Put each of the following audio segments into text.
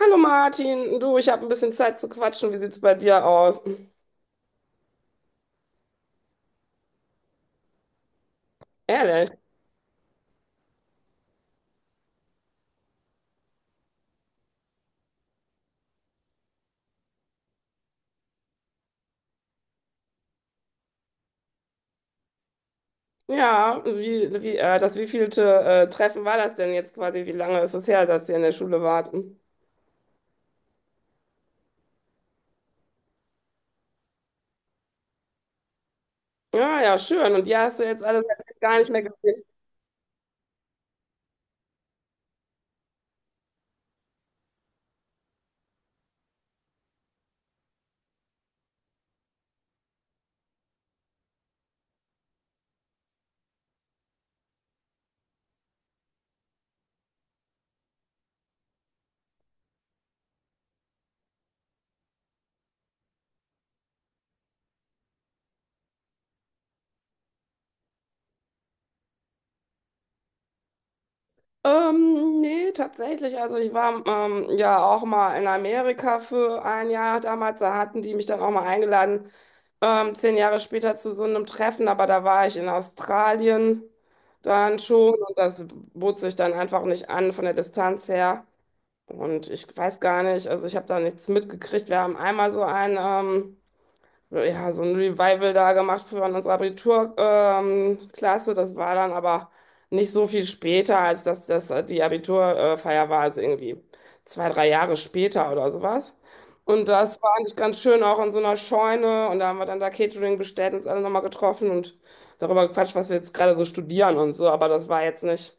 Hallo Martin, du, ich habe ein bisschen Zeit zu quatschen. Wie sieht's bei dir aus? Ehrlich? Ja, das wievielte Treffen war das denn jetzt quasi? Wie lange ist es her, dass ihr in der Schule wart? Ja, ja, schön. Und die hast du jetzt alle gar nicht mehr gesehen? Nee, tatsächlich. Also ich war ja auch mal in Amerika für ein Jahr damals. Da hatten die mich dann auch mal eingeladen, 10 Jahre später, zu so einem Treffen, aber da war ich in Australien dann schon, und das bot sich dann einfach nicht an von der Distanz her. Und ich weiß gar nicht, also ich habe da nichts mitgekriegt. Wir haben einmal so ein ja, so ein Revival da gemacht für unsere Abiturklasse. Klasse. Das war dann aber nicht so viel später, als dass das die Abiturfeier war, also irgendwie 2, 3 Jahre später oder sowas. Und das war eigentlich ganz schön, auch in so einer Scheune. Und da haben wir dann da Catering bestellt und uns alle nochmal getroffen und darüber gequatscht, was wir jetzt gerade so studieren und so. Aber das war jetzt nicht,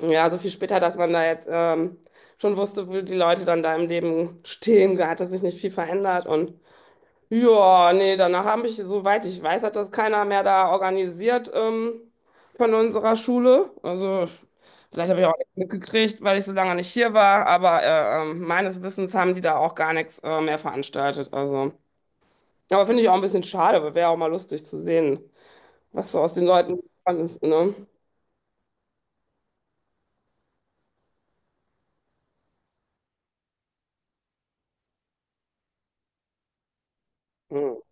ja, so viel später, dass man da jetzt schon wusste, wo die Leute dann da im Leben stehen. Da hat sich nicht viel verändert. Und ja, nee, danach habe ich, soweit ich weiß, hat das keiner mehr da organisiert, von unserer Schule. Also vielleicht habe ich auch nichts mitgekriegt, weil ich so lange nicht hier war, aber meines Wissens haben die da auch gar nichts mehr veranstaltet. Also. Aber finde ich auch ein bisschen schade, aber wäre auch mal lustig zu sehen, was so aus den Leuten geworden ist, ne? Ja.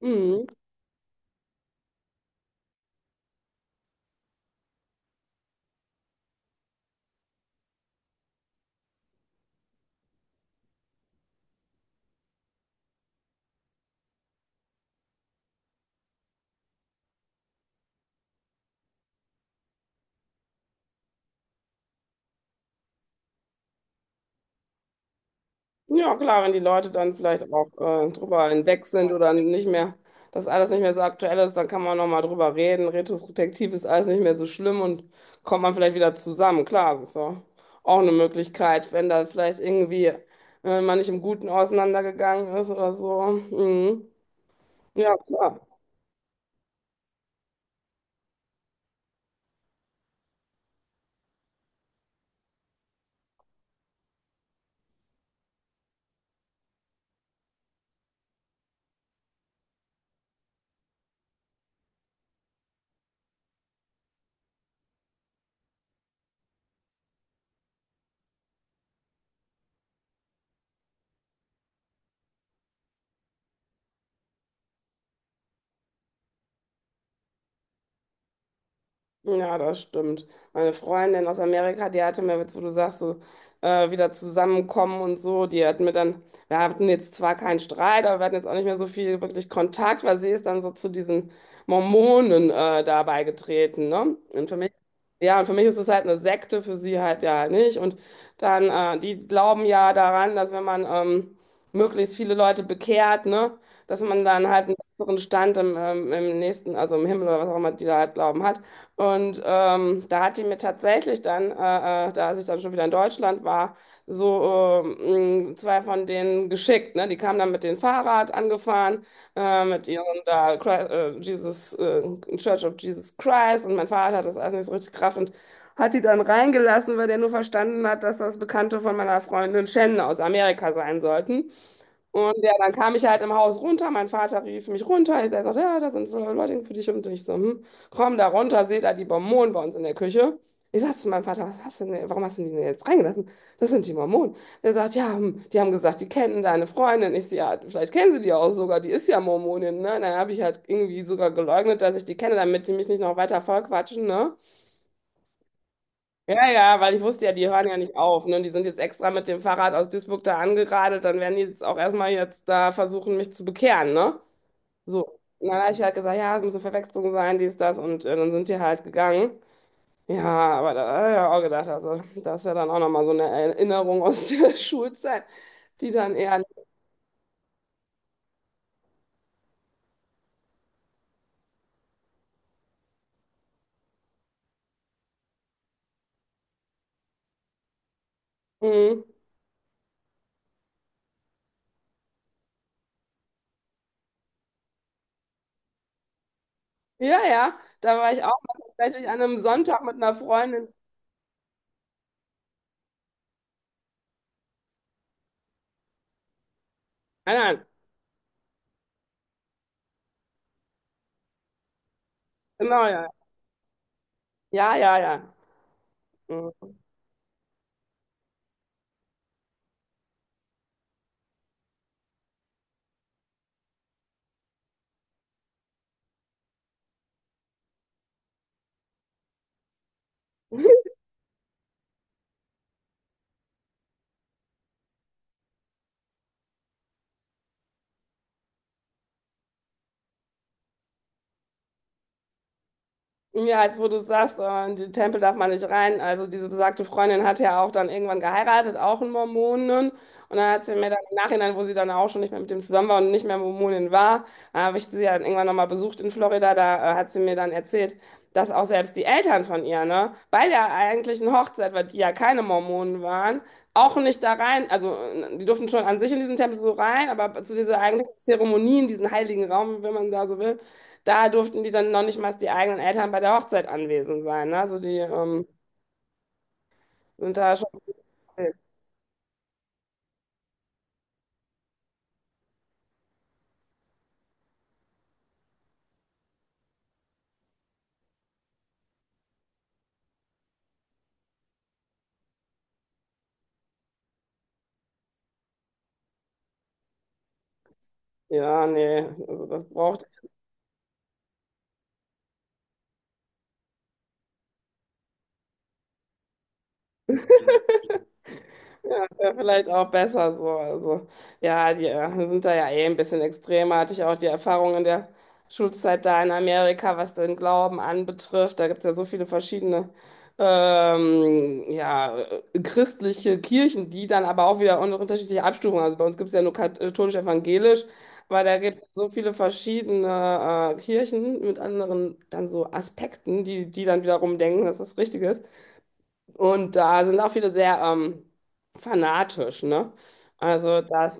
Mhm. Ja, klar, wenn die Leute dann vielleicht auch drüber hinweg sind oder nicht mehr, dass alles nicht mehr so aktuell ist, dann kann man nochmal drüber reden. Retrospektiv ist alles nicht mehr so schlimm und kommt man vielleicht wieder zusammen. Klar, das ist ja auch eine Möglichkeit, wenn da vielleicht irgendwie man nicht im Guten auseinandergegangen ist oder so. Mhm. Ja, klar. Ja, das stimmt. Meine Freundin aus Amerika, die hatte mir jetzt, wo du sagst, so wieder zusammenkommen und so, die hat mir dann, wir hatten jetzt zwar keinen Streit, aber wir hatten jetzt auch nicht mehr so viel wirklich Kontakt, weil sie ist dann so zu diesen Mormonen da beigetreten, ne? Und für mich, ja, und für mich ist es halt eine Sekte, für sie halt ja nicht. Und dann, die glauben ja daran, dass, wenn man möglichst viele Leute bekehrt, ne, dass man dann halt einen besseren Stand im, im nächsten, also im Himmel oder was auch immer die da halt glauben hat. Und da hat die mir tatsächlich dann, da als ich dann schon wieder in Deutschland war, so 2 von denen geschickt. Ne? Die kamen dann mit dem Fahrrad angefahren, mit ihrem da Jesus, Church of Jesus Christ. Und mein Vater hat das alles nicht so richtig gerafft und hat die dann reingelassen, weil der nur verstanden hat, dass das Bekannte von meiner Freundin Shannon aus Amerika sein sollten. Und ja, dann kam ich halt im Haus runter. Mein Vater rief mich runter. Ich sagte, ja, da sind so Leute für dich, und ich so: hm, komm da runter, seht da die Mormonen bei uns in der Küche. Ich sagte zu meinem Vater: was hast du denn, warum hast du die denn jetzt reingelassen? Das sind die Mormonen. Er sagt: ja, hm, die haben gesagt, die kennen deine Freundin. Ich so: ja, vielleicht kennen sie die auch sogar, die ist ja Mormonin, ne? Dann habe ich halt irgendwie sogar geleugnet, dass ich die kenne, damit die mich nicht noch weiter vollquatschen, ne? Ja, ja, weil ich wusste ja, die hören ja nicht auf, ne? Die sind jetzt extra mit dem Fahrrad aus Duisburg da angeradelt, dann werden die jetzt auch erstmal jetzt da versuchen, mich zu bekehren, ne? So. Und dann habe ich halt gesagt, ja, es muss eine Verwechslung sein, dies, das, und dann sind die halt gegangen. Ja, aber da habe ich ja auch gedacht, also, das ist ja dann auch nochmal so eine Erinnerung aus der Schulzeit, die dann eher. Mhm. Ja, ja, da war ich auch mal tatsächlich an einem Sonntag mit einer Freundin. Nein, nein, genau, ja. Ja, ja, ja. Mhm. Ja, jetzt wo du sagst, in die Tempel darf man nicht rein. Also diese besagte Freundin hat ja auch dann irgendwann geheiratet, auch einen Mormonen. Und dann hat sie mir dann im Nachhinein, wo sie dann auch schon nicht mehr mit dem zusammen war und nicht mehr Mormonin war, habe ich sie ja dann irgendwann nochmal besucht in Florida. Da hat sie mir dann erzählt, dass auch selbst die Eltern von ihr, ne, bei der eigentlichen Hochzeit, weil die ja keine Mormonen waren, auch nicht da rein, also die durften schon an sich in diesen Tempel so rein, aber zu dieser eigentlichen Zeremonie, in diesen heiligen Raum, wenn man da so will, da durften die dann noch nicht mal die eigenen Eltern bei der Hochzeit anwesend sein. Ne? Also die sind da schon. Ja, nee, also das braucht. Ja, ist ja vielleicht auch besser so. Also, ja, die sind da ja eh ein bisschen extremer. Hatte ich auch die Erfahrung in der Schulzeit da in Amerika, was den Glauben anbetrifft. Da gibt es ja so viele verschiedene ja, christliche Kirchen, die dann aber auch wieder unterschiedliche Abstufungen. Also bei uns gibt es ja nur katholisch-evangelisch, aber da gibt es so viele verschiedene Kirchen mit anderen dann so Aspekten, die, dann wiederum denken, dass das richtig ist. Und da sind auch viele sehr fanatisch, ne? Also das,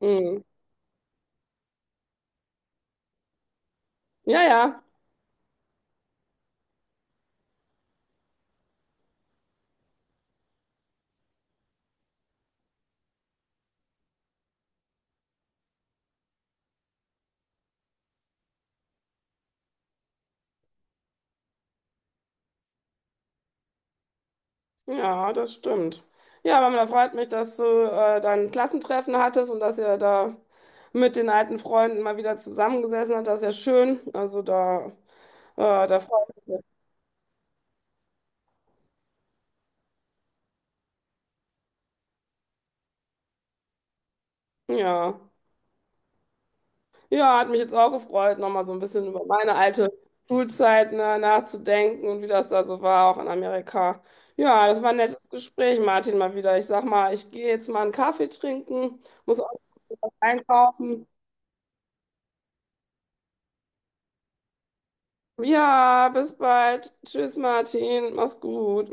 mhm, ja, ja, ja, das stimmt. Ja, aber da freut mich, dass du dein Klassentreffen hattest und dass ihr da mit den alten Freunden mal wieder zusammengesessen habt. Das ist ja schön. Also da, da freut mich. Ja. Ja, hat mich jetzt auch gefreut, nochmal so ein bisschen über meine alte Schulzeit, ne, nachzudenken und wie das da so war, auch in Amerika. Ja, das war ein nettes Gespräch, Martin, mal wieder. Ich sag mal, ich gehe jetzt mal einen Kaffee trinken, muss auch was einkaufen. Ja, bis bald. Tschüss, Martin. Mach's gut.